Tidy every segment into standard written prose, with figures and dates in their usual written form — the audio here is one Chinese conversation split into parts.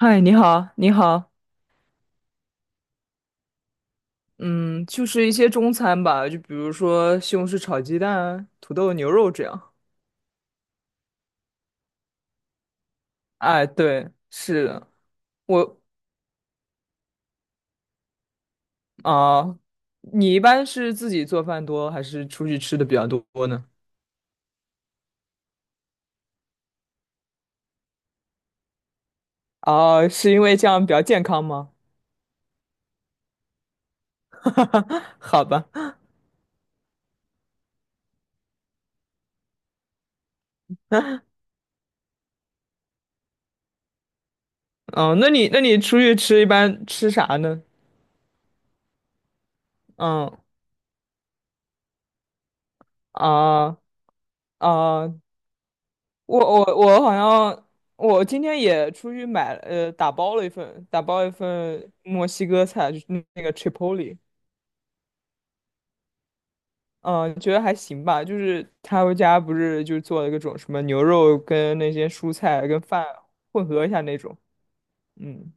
嗨，你好，你好，嗯，就是一些中餐吧，就比如说西红柿炒鸡蛋、土豆牛肉这样。哎，对，是的，我啊，你一般是自己做饭多，还是出去吃的比较多呢？哦，是因为这样比较健康吗？好吧，嗯，那你出去吃一般吃啥呢？嗯啊啊，我我我好像我今天也出去买了呃打包了一份打包一份墨西哥菜，就是那个 Chipotle,嗯，觉得还行吧。就是他们家不是就做了各种什么牛肉跟那些蔬菜跟饭混合一下那种，嗯，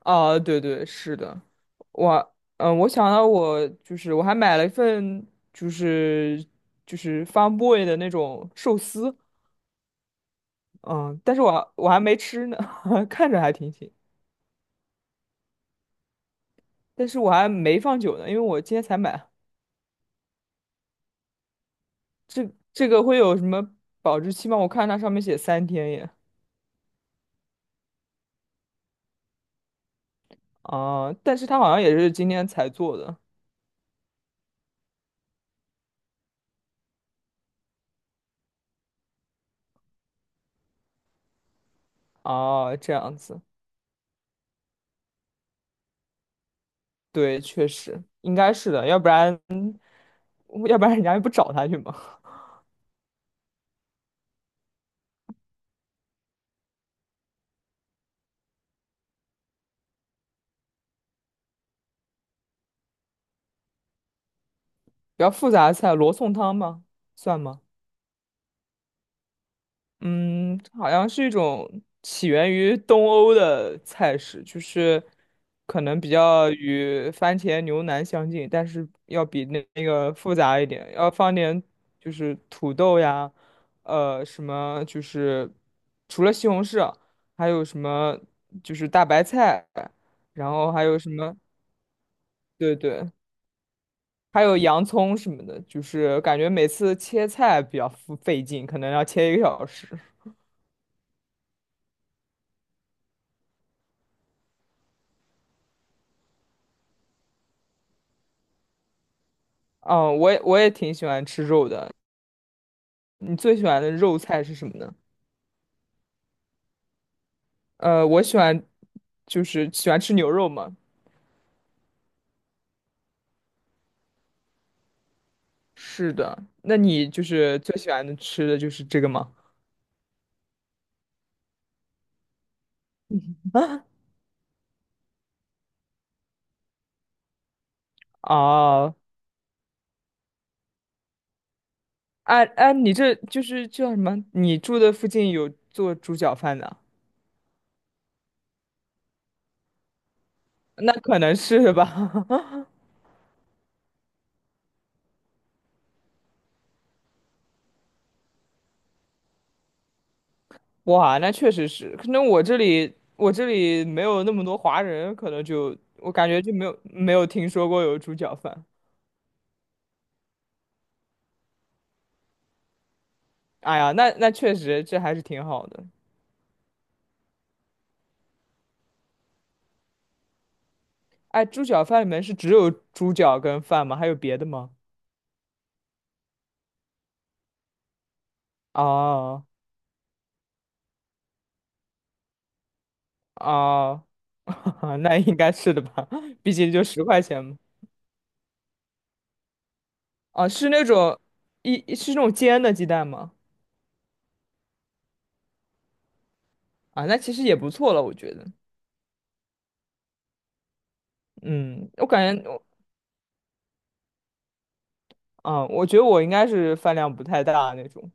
啊，对对，是的，我嗯、呃我想到我就是我还买了一份就是就是 Farm Boy 的那种寿司，嗯，但是我还没吃呢，看着还挺行。但是我还没放久呢，因为我今天才买。这个会有什么保质期吗？我看它上面写3天耶。啊，但是它好像也是今天才做的。哦，这样子，对，确实应该是的，要不然人家也不找他去嘛。比较复杂的菜，罗宋汤吗？算吗？嗯，好像是一种起源于东欧的菜式，就是可能比较与番茄牛腩相近，但是要比那个复杂一点，要放点就是土豆呀，什么就是除了西红柿啊，还有什么就是大白菜，然后还有什么，对对，还有洋葱什么的，就是感觉每次切菜比较费劲，可能要切一个小时。哦，我也挺喜欢吃肉的。你最喜欢的肉菜是什么呢？我喜欢就是喜欢吃牛肉嘛。是的，那你就是最喜欢的吃的就是这个吗？哦，哎哎，你这就是叫什么？你住的附近有做猪脚饭的？那可能是吧。哇，那确实是，可能我这里没有那么多华人，可能就我感觉就没有听说过有猪脚饭。哎呀，那确实这还是挺好的。哎，猪脚饭里面是只有猪脚跟饭吗？还有别的吗？哦哦，那应该是的吧，毕竟就10块钱嘛。啊，是那种一是那种煎的鸡蛋吗？啊，那其实也不错了，我觉得。嗯，我感觉我，啊，我觉得我应该是饭量不太大那种。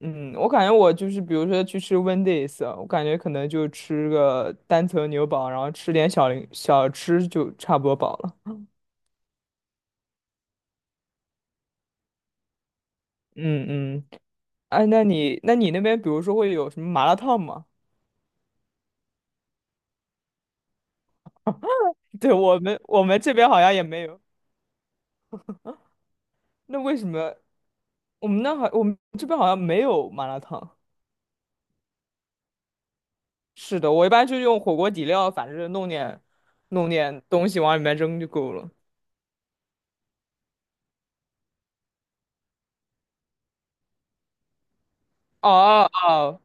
嗯，我感觉我就是，比如说去吃 Wendy's，啊我感觉可能就吃个单层牛堡，然后吃点小吃就差不多饱了。嗯嗯哎，那你那边比如说会有什么麻辣烫吗？对，我们这边好像也没有。那为什么我们这边好像没有麻辣烫？是的，我一般就用火锅底料，反正弄点东西往里面扔就够了。哦哦，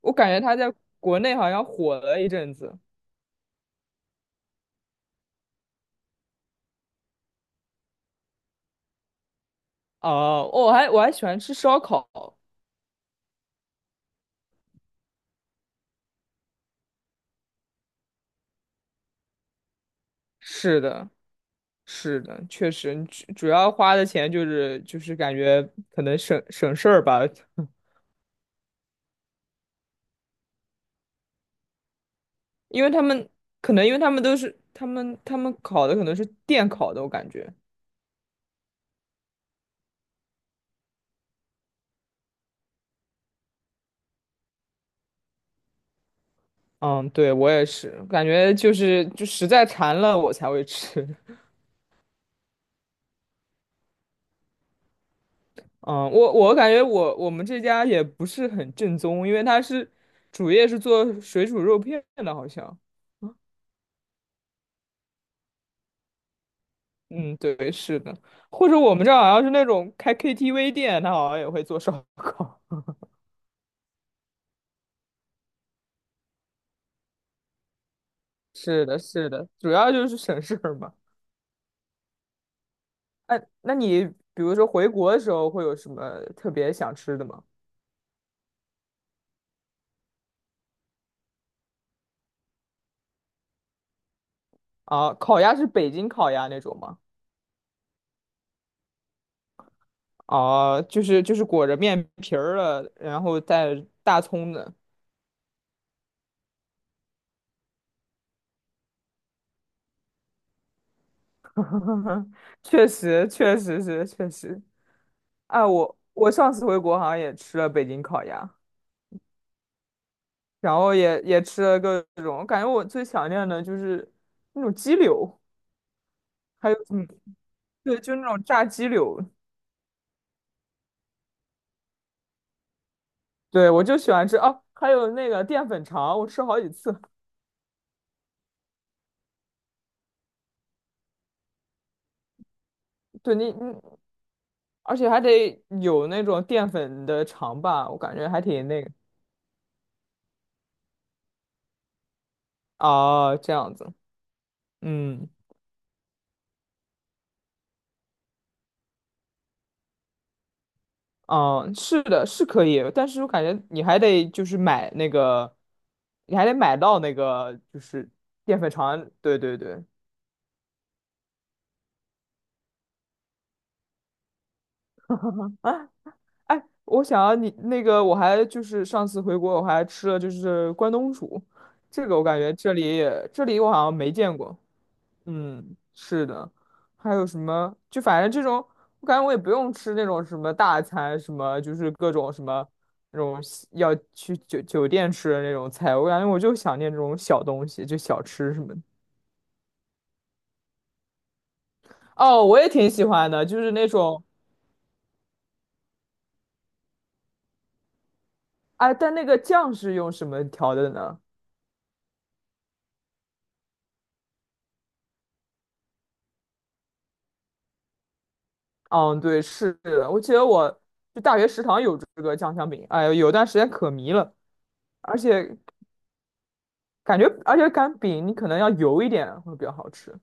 我感觉它在国内好像火了一阵子。哦，我还喜欢吃烧烤。是的，是的，确实，主要花的钱就是感觉可能省事儿吧。因为他们可能因为他们都是他们烤的可能是电烤的，我感觉。嗯，对，我也是，感觉就是就实在馋了我才会吃。嗯，我感觉我们这家也不是很正宗，因为主业是做水煮肉片的，好像。嗯，对，是的。或者我们这儿好像是那种开 KTV 店，他好像也会做烧烤。是的，是的，主要就是省事儿嘛。哎，那你比如说回国的时候会有什么特别想吃的吗？啊，烤鸭是北京烤鸭那种吗？啊，就是裹着面皮儿的，然后带大葱的。确实，确实是，确实。啊，我上次回国好像也吃了北京烤鸭，然后也吃了各种，我感觉我最想念的就是那种鸡柳，还有嗯，对，就那种炸鸡柳，对，我就喜欢吃哦，还有那个淀粉肠，我吃好几次。对而且还得有那种淀粉的肠吧，我感觉还挺那个。啊，这样子，嗯嗯，是的，是可以，但是我感觉你还得买到那个就是淀粉肠，对对对。啊，哎，我想要你那个，我还就是上次回国，我还吃了就是关东煮，这个我感觉这里我好像没见过。嗯，是的，还有什么？就反正这种，我感觉我也不用吃那种什么大餐，什么就是各种什么那种要去酒店吃的那种菜，我感觉我就想念这种小东西，就小吃什么的。哦，我也挺喜欢的，就是那种。哎，但那个酱是用什么调的呢？嗯，对，是的，我记得我就大学食堂有这个酱香饼，哎呦，有段时间可迷了，而且而且擀饼你可能要油一点会比较好吃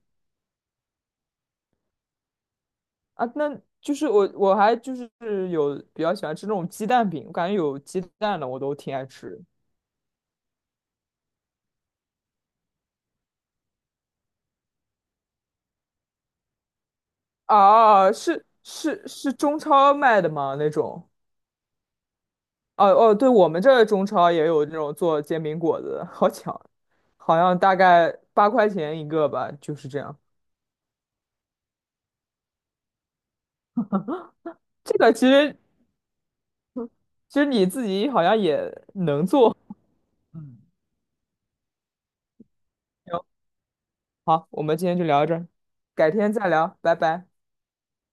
啊。那就是我还就是有比较喜欢吃那种鸡蛋饼，我感觉有鸡蛋的我都挺爱吃。啊，啊啊是是是中超卖的吗？那种？哦哦，对，我们这儿中超也有这种做煎饼果子的好巧，好像大概8块钱一个吧，就是这样。这个其实你自己好像也能做。嗯，行好，我们今天就聊到这儿，改天再聊，拜拜。